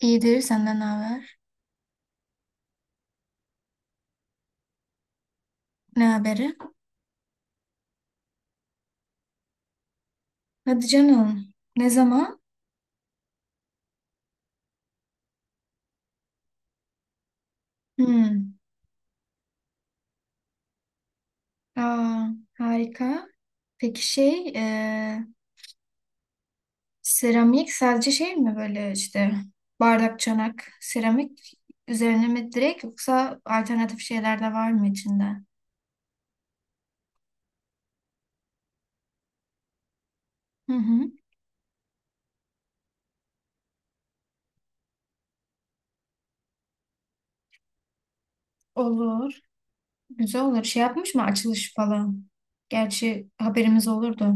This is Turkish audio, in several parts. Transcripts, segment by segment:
İyidir, senden ne haber? Ne haberi? Hadi canım. Ne zaman? Hmm. Aa, harika. Peki seramik sadece şey mi böyle işte bardak, çanak, seramik üzerine mi direkt yoksa alternatif şeyler de var mı içinde? Hı hı. Olur. Güzel olur. Şey yapmış mı açılış falan? Gerçi haberimiz olurdu.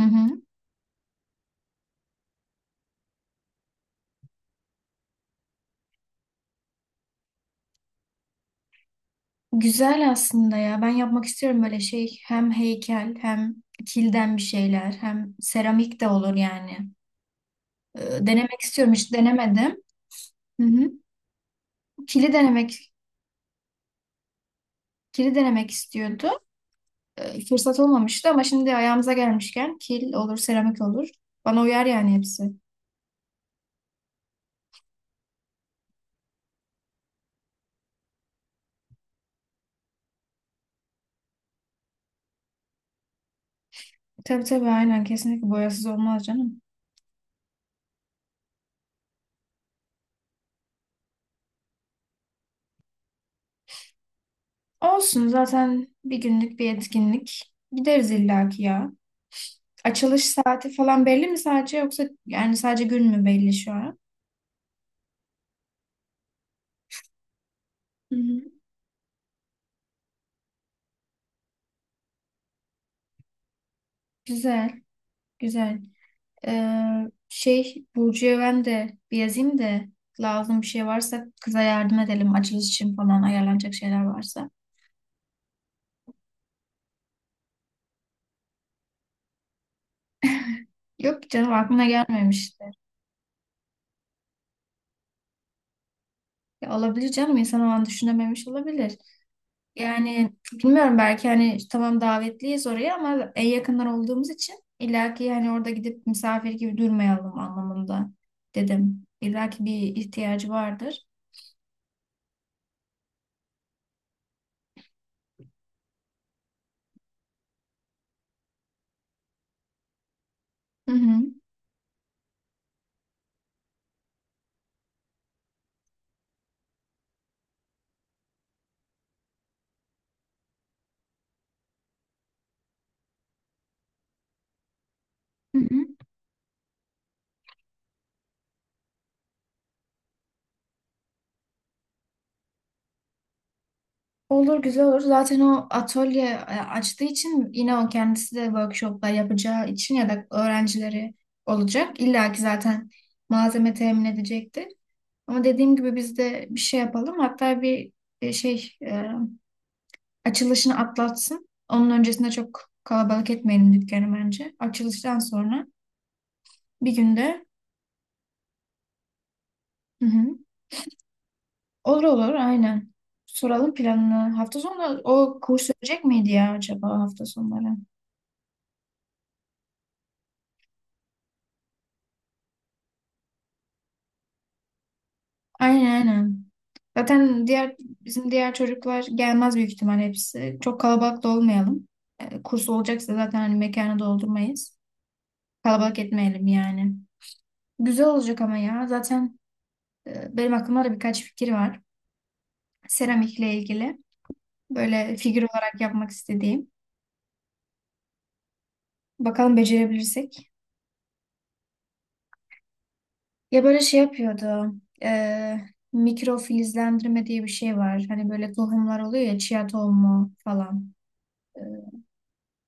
Hı hı. Güzel aslında ya. Ben yapmak istiyorum böyle şey. Hem heykel hem kilden bir şeyler hem seramik de olur yani. Ee, Denemek istiyorum. Hiç denemedim. Hı hı. Kili denemek kili denemek istiyordu. Fırsat olmamıştı ama şimdi ayağımıza gelmişken kil olur, seramik olur. Bana uyar yani hepsi. Tabii tabii aynen, kesinlikle boyasız olmaz canım. Olsun, zaten bir günlük bir etkinlik. Gideriz illaki ya. Açılış saati falan belli mi sadece, yoksa yani sadece gün mü belli şu an? Hı hı. Güzel, güzel. Şey, Burcu'ya ben de bir yazayım da, lazım bir şey varsa kıza yardım edelim. Açılış için falan ayarlanacak şeyler varsa. Yok canım, aklına gelmemiştir. Ya olabilir canım, insan o an düşünememiş olabilir. Yani bilmiyorum, belki hani tamam davetliyiz oraya ama en yakınlar olduğumuz için illaki hani orada gidip misafir gibi durmayalım anlamında dedim. İllaki bir ihtiyacı vardır. Hı hı. Hı hı. Olur, güzel olur. Zaten o atölye açtığı için, yine o kendisi de workshoplar yapacağı için ya da öğrencileri olacak. İlla ki zaten malzeme temin edecekti. Ama dediğim gibi biz de bir şey yapalım. Hatta bir e, şey e, açılışını atlatsın. Onun öncesinde çok kalabalık etmeyelim dükkanı bence. Açılıştan sonra bir günde. Hı hı. Olur olur, aynen. Soralım planını. Hafta sonu o kurs verecek miydi ya acaba, hafta sonları? Aynen aynen. Zaten diğer, bizim diğer çocuklar gelmez büyük ihtimal hepsi. Çok kalabalık da olmayalım. Kurs olacaksa zaten hani mekanı doldurmayız. Kalabalık etmeyelim yani. Güzel olacak ama ya. Zaten benim aklımda da birkaç fikir var. Seramikle ilgili. Böyle figür olarak yapmak istediğim. Bakalım becerebilirsek. Ya böyle şey yapıyordu. E, Mikrofilizlendirme diye bir şey var. Hani böyle tohumlar oluyor ya, chia tohumu falan. E,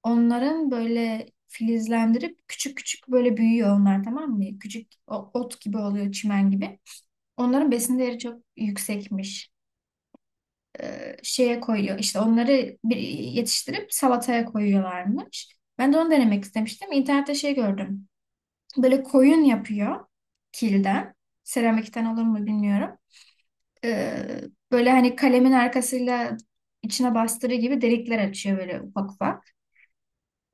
Onların böyle filizlendirip küçük küçük böyle büyüyor onlar, tamam mı? Küçük ot gibi oluyor, çimen gibi. Onların besin değeri çok yüksekmiş. Şeye koyuyor işte onları, bir yetiştirip salataya koyuyorlarmış. Ben de onu denemek istemiştim. İnternette şey gördüm. Böyle koyun yapıyor kilden. Seramikten olur mu bilmiyorum. Ee, Böyle hani kalemin arkasıyla içine bastırı gibi delikler açıyor, böyle ufak ufak.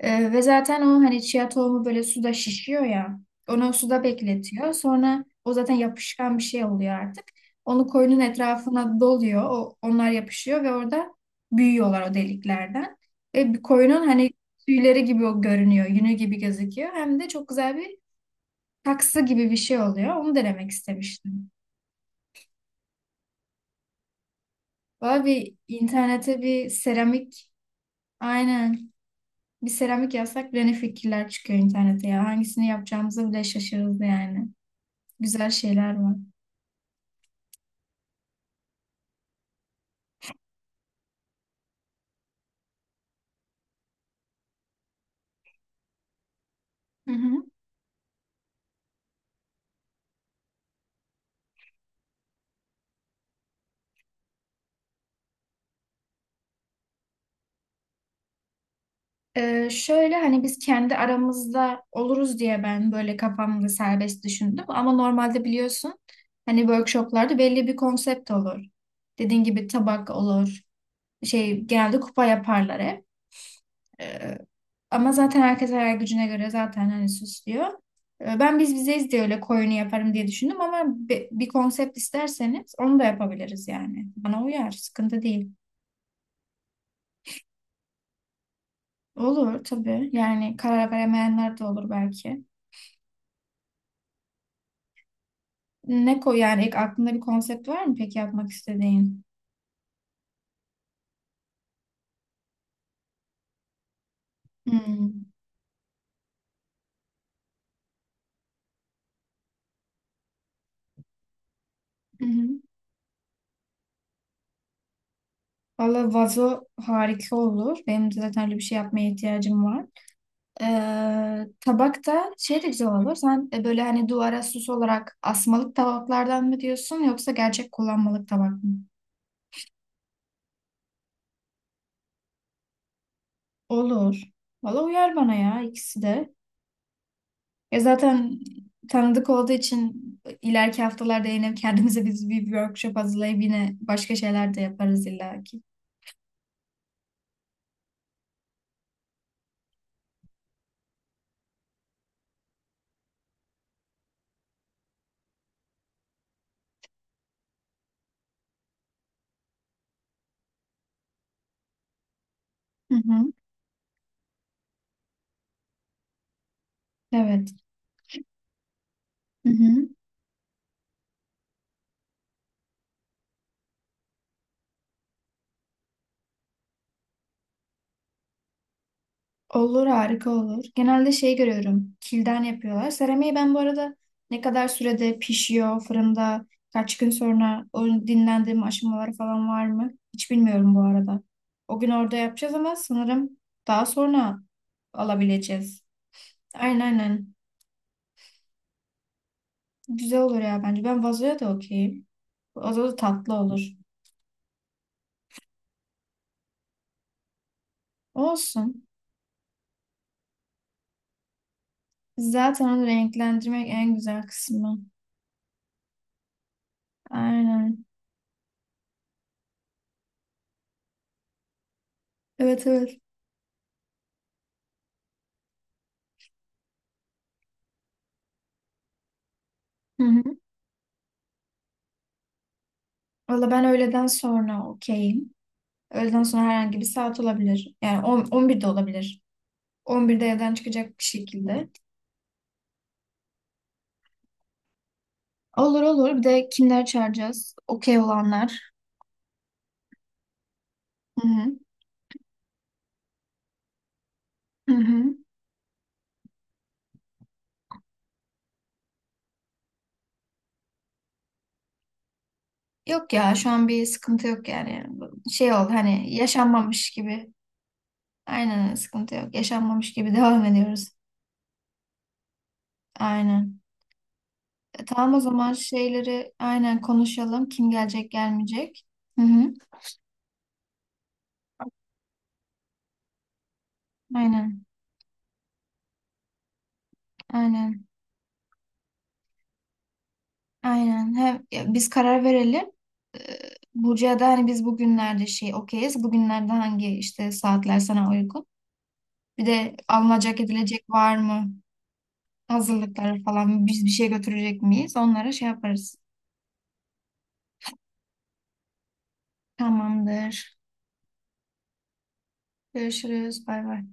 Ve zaten o hani chia tohumu böyle suda şişiyor ya. Onu suda bekletiyor. Sonra o zaten yapışkan bir şey oluyor artık. Onu koyunun etrafına doluyor. Onlar yapışıyor ve orada büyüyorlar, o deliklerden. Ve bir koyunun hani tüyleri gibi o görünüyor. Yünü gibi gözüküyor. Hem de çok güzel bir taksı gibi bir şey oluyor. Onu denemek istemiştim. Valla bir internete bir seramik aynen bir seramik yazsak bile ne fikirler çıkıyor internete ya. Hangisini yapacağımızı bile şaşırırız yani. Güzel şeyler var. Hı hı. Şöyle hani biz kendi aramızda oluruz diye ben böyle kafamda serbest düşündüm. Ama normalde biliyorsun hani workshoplarda belli bir konsept olur. Dediğin gibi tabak olur. Şey, genelde kupa yaparlar hep. Ee, Ama zaten herkes hayal gücüne göre zaten hani süslüyor. Ben biz bizeyiz diye öyle koyunu yaparım diye düşündüm ama bir konsept isterseniz onu da yapabiliriz yani. Bana uyar, sıkıntı değil. Olur tabii. Yani karar veremeyenler de olur belki. Ne koy, yani ilk aklında bir konsept var mı peki yapmak istediğin? Hmm. Hı hı. Valla vazo harika olur. Benim de zaten öyle bir şey yapmaya ihtiyacım var. Tabakta şey de güzel olur. Sen böyle hani duvara süs olarak asmalık tabaklardan mı diyorsun, yoksa gerçek kullanmalık tabak mı? Olur. Valla uyar bana ya, ikisi de. Ya zaten tanıdık olduğu için ileriki haftalarda yine kendimize biz bir workshop hazırlayıp yine başka şeyler de yaparız illaki. Hı hı. Evet. Hı hı. Olur, harika olur. Genelde şey görüyorum, kilden yapıyorlar. Seramiği ben bu arada ne kadar sürede pişiyor fırında, kaç gün sonra, o dinlendirme aşamaları falan var mı? Hiç bilmiyorum bu arada. O gün orada yapacağız ama sanırım daha sonra alabileceğiz. Aynen aynen. Güzel olur ya bence. Ben vazoya da okeyim. Vazo da tatlı olur. Olsun. Zaten onu renklendirmek en güzel kısmı. Aynen. Evet evet. Hı hı. Valla ben öğleden sonra okeyim. Öğleden sonra herhangi bir saat olabilir. Yani 10, 11'de olabilir. 11'de evden çıkacak bir şekilde. Olur olur. Bir de kimler çağıracağız? Okey olanlar. Hı hı. Hı hı. Yok ya, şu an bir sıkıntı yok yani. Şey oldu, hani yaşanmamış gibi. Aynen öyle, sıkıntı yok. Yaşanmamış gibi devam ediyoruz. Aynen. E, tamam o zaman şeyleri aynen konuşalım. Kim gelecek, gelmeyecek. Hı hı. Aynen. Aynen. Aynen. Hem ya biz karar verelim. Ee, Burcu'ya da hani biz bugünlerde şey okeyiz. Bugünlerde hangi, işte, saatler sana uygun? Bir de alınacak edilecek var mı? Hazırlıkları falan biz bir şey götürecek miyiz? Onlara şey yaparız. Tamamdır. Görüşürüz. Bay bay.